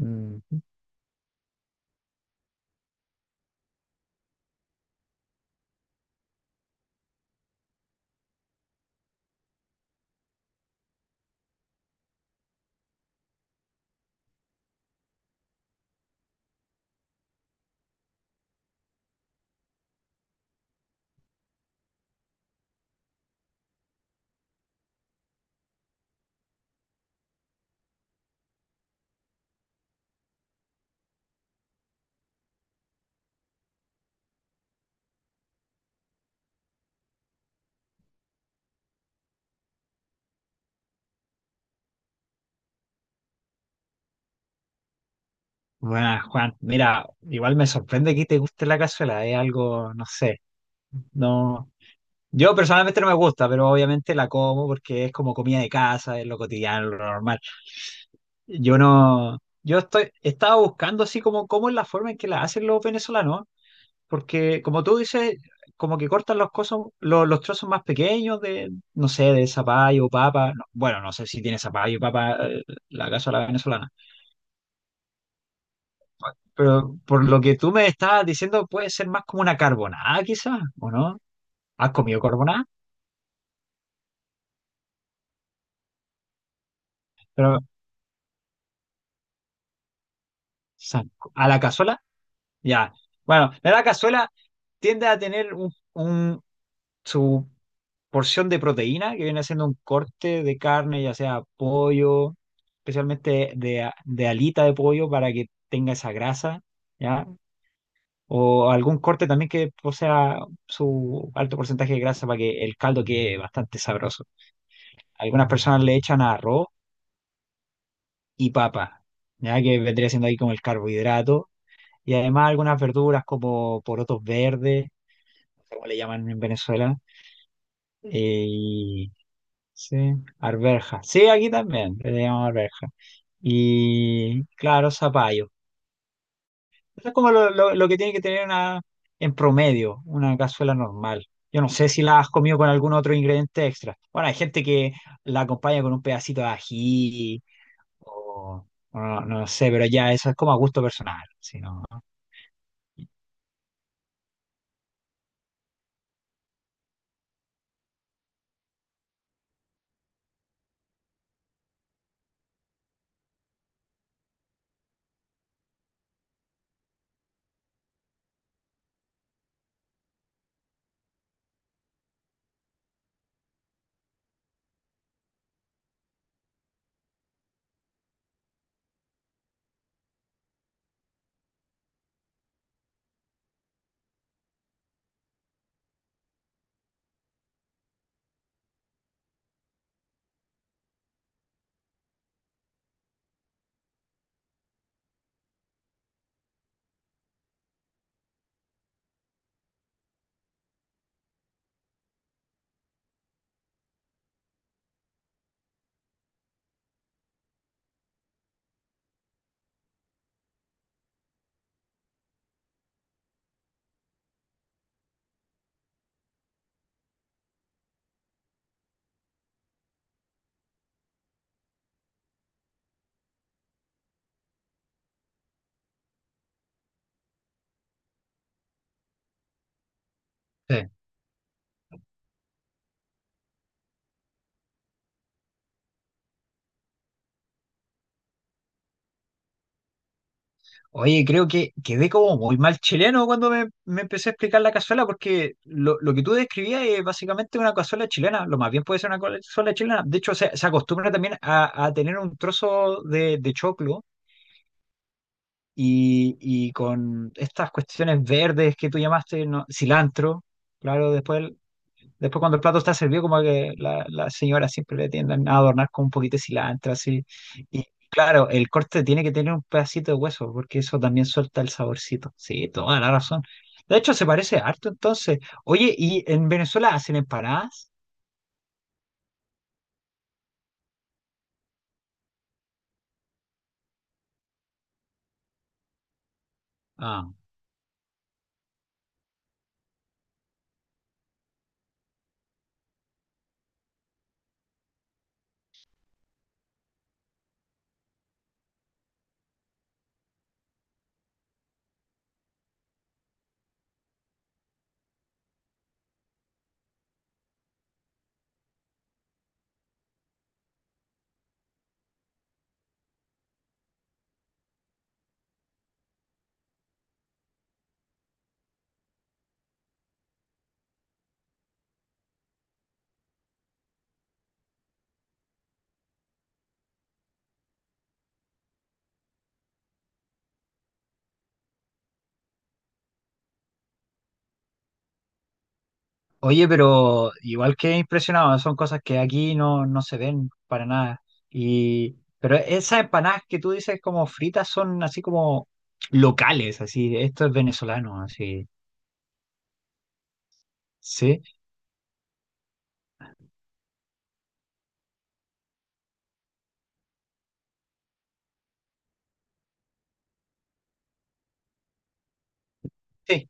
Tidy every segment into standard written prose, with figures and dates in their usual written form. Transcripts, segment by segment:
Mm, bueno, Juan, mira, igual me sorprende que te guste la cazuela, es algo, no sé, no. Yo personalmente no me gusta, pero obviamente la como porque es como comida de casa, es lo cotidiano, lo normal. Yo no, yo estoy, estaba buscando así como cómo es la forma en que la hacen los venezolanos, porque como tú dices, como que cortan los cosas, los trozos más pequeños de, no sé, de zapallo, papa, no, bueno, no sé si tiene zapallo, papa, la cazuela venezolana. Pero por lo que tú me estás diciendo, puede ser más como una carbonada, quizás, ¿o no? ¿Has comido carbonada? Pero, o sea, ¿a la cazuela? Ya. Bueno, la cazuela tiende a tener su porción de proteína, que viene siendo un corte de carne, ya sea pollo, especialmente de alita de pollo, para que tenga esa grasa, ¿ya? O algún corte también que posea su alto porcentaje de grasa para que el caldo quede bastante sabroso. Algunas personas le echan arroz y papa, ya que vendría siendo ahí como el carbohidrato. Y además algunas verduras como porotos verdes, no sé cómo le llaman en Venezuela. eh, y- sí, arveja. Sí, aquí también le llaman arveja. Y claro, zapallo. Eso es como lo que tiene que tener una, en promedio una cazuela normal. Yo no sé si la has comido con algún otro ingrediente extra. Bueno, hay gente que la acompaña con un pedacito de ají. O, o no, no sé, pero ya eso es como a gusto personal. Si no, sí. Oye, creo que quedé como muy mal chileno cuando me empecé a explicar la cazuela, porque lo que tú describías es básicamente una cazuela chilena, lo más bien puede ser una cazuela chilena. De hecho, se acostumbra también a tener un trozo de choclo y con estas cuestiones verdes que tú llamaste, ¿no? Cilantro, claro, después. Después cuando el plato está servido, como que la señora siempre le tienden a adornar con un poquito de cilantro, así. Y claro, el corte tiene que tener un pedacito de hueso, porque eso también suelta el saborcito. Sí, toda la razón. De hecho, se parece harto entonces. Oye, ¿y en Venezuela hacen empanadas? Ah. Oye, pero igual que impresionado, son cosas que aquí no, no se ven para nada. Y, pero esas empanadas que tú dices como fritas son así como locales, así, esto es venezolano, así. Sí. Sí.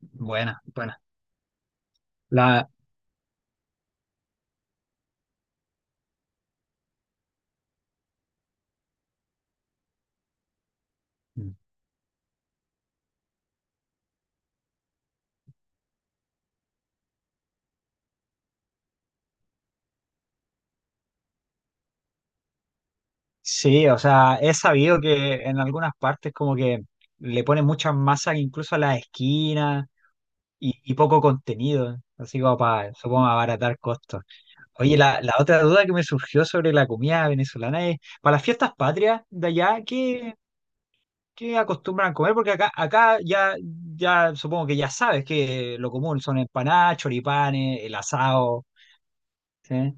Buena, buena. La, sí, o sea, he sabido que en algunas partes como que le ponen muchas masas incluso a las esquinas y poco contenido, así como para, supongo, abaratar costos. Oye, la otra duda que me surgió sobre la comida venezolana es, para las fiestas patrias de allá, ¿qué, qué acostumbran comer? Porque acá ya, ya supongo que ya sabes que lo común son empanadas, choripanes, el asado, ¿sí?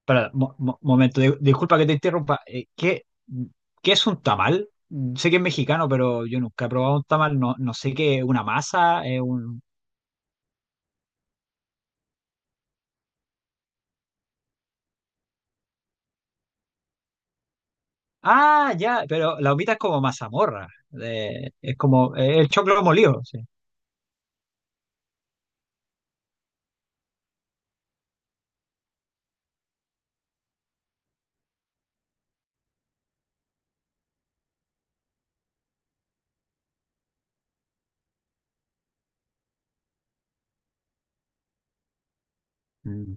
Espera, momento, disculpa que te interrumpa. ¿Qué, qué es un tamal? Mm, sé que es mexicano, pero yo nunca he probado un tamal. No, no sé qué es una masa, es un... Ah, ya, pero la humita es como mazamorra. Es como el choclo molido. Sí. Mm,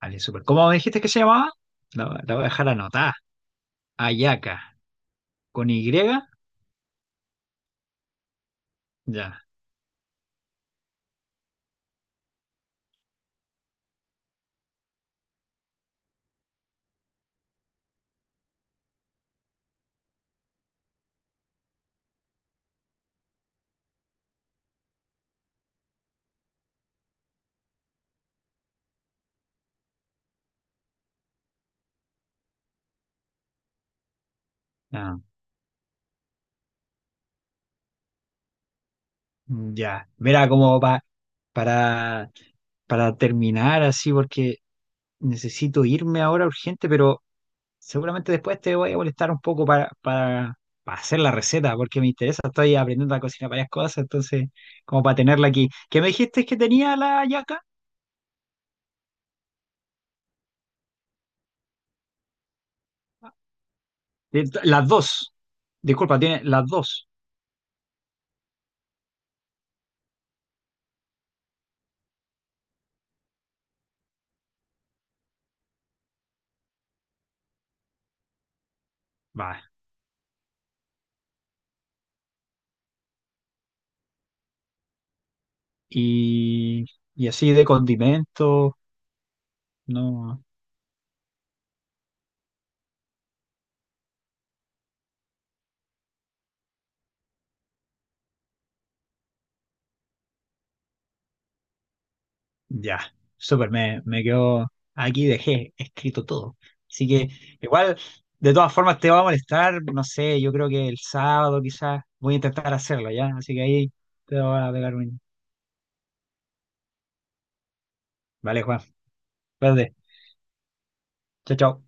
vale, súper. ¿Cómo me dijiste que se llamaba? La voy a dejar anotada. Ayaca. ¿Con Y? Ya. Ah, ya. Mira, como para, para terminar así, porque necesito irme ahora urgente, pero... Seguramente después te voy a molestar un poco para hacer la receta, porque me interesa, estoy aprendiendo a cocinar varias cosas, entonces, como para tenerla aquí. ¿Qué me dijiste que tenía la yaca? De- Las dos. Disculpa, tiene las dos. Va. Y, y así de condimento, no. Ya, súper, me quedo aquí, dejé escrito todo. Así que igual, de todas formas te va a molestar, no sé, yo creo que el sábado quizás voy a intentar hacerlo, ¿ya? Así que ahí te voy a pegar un... Vale, Juan, verde, chao, chao.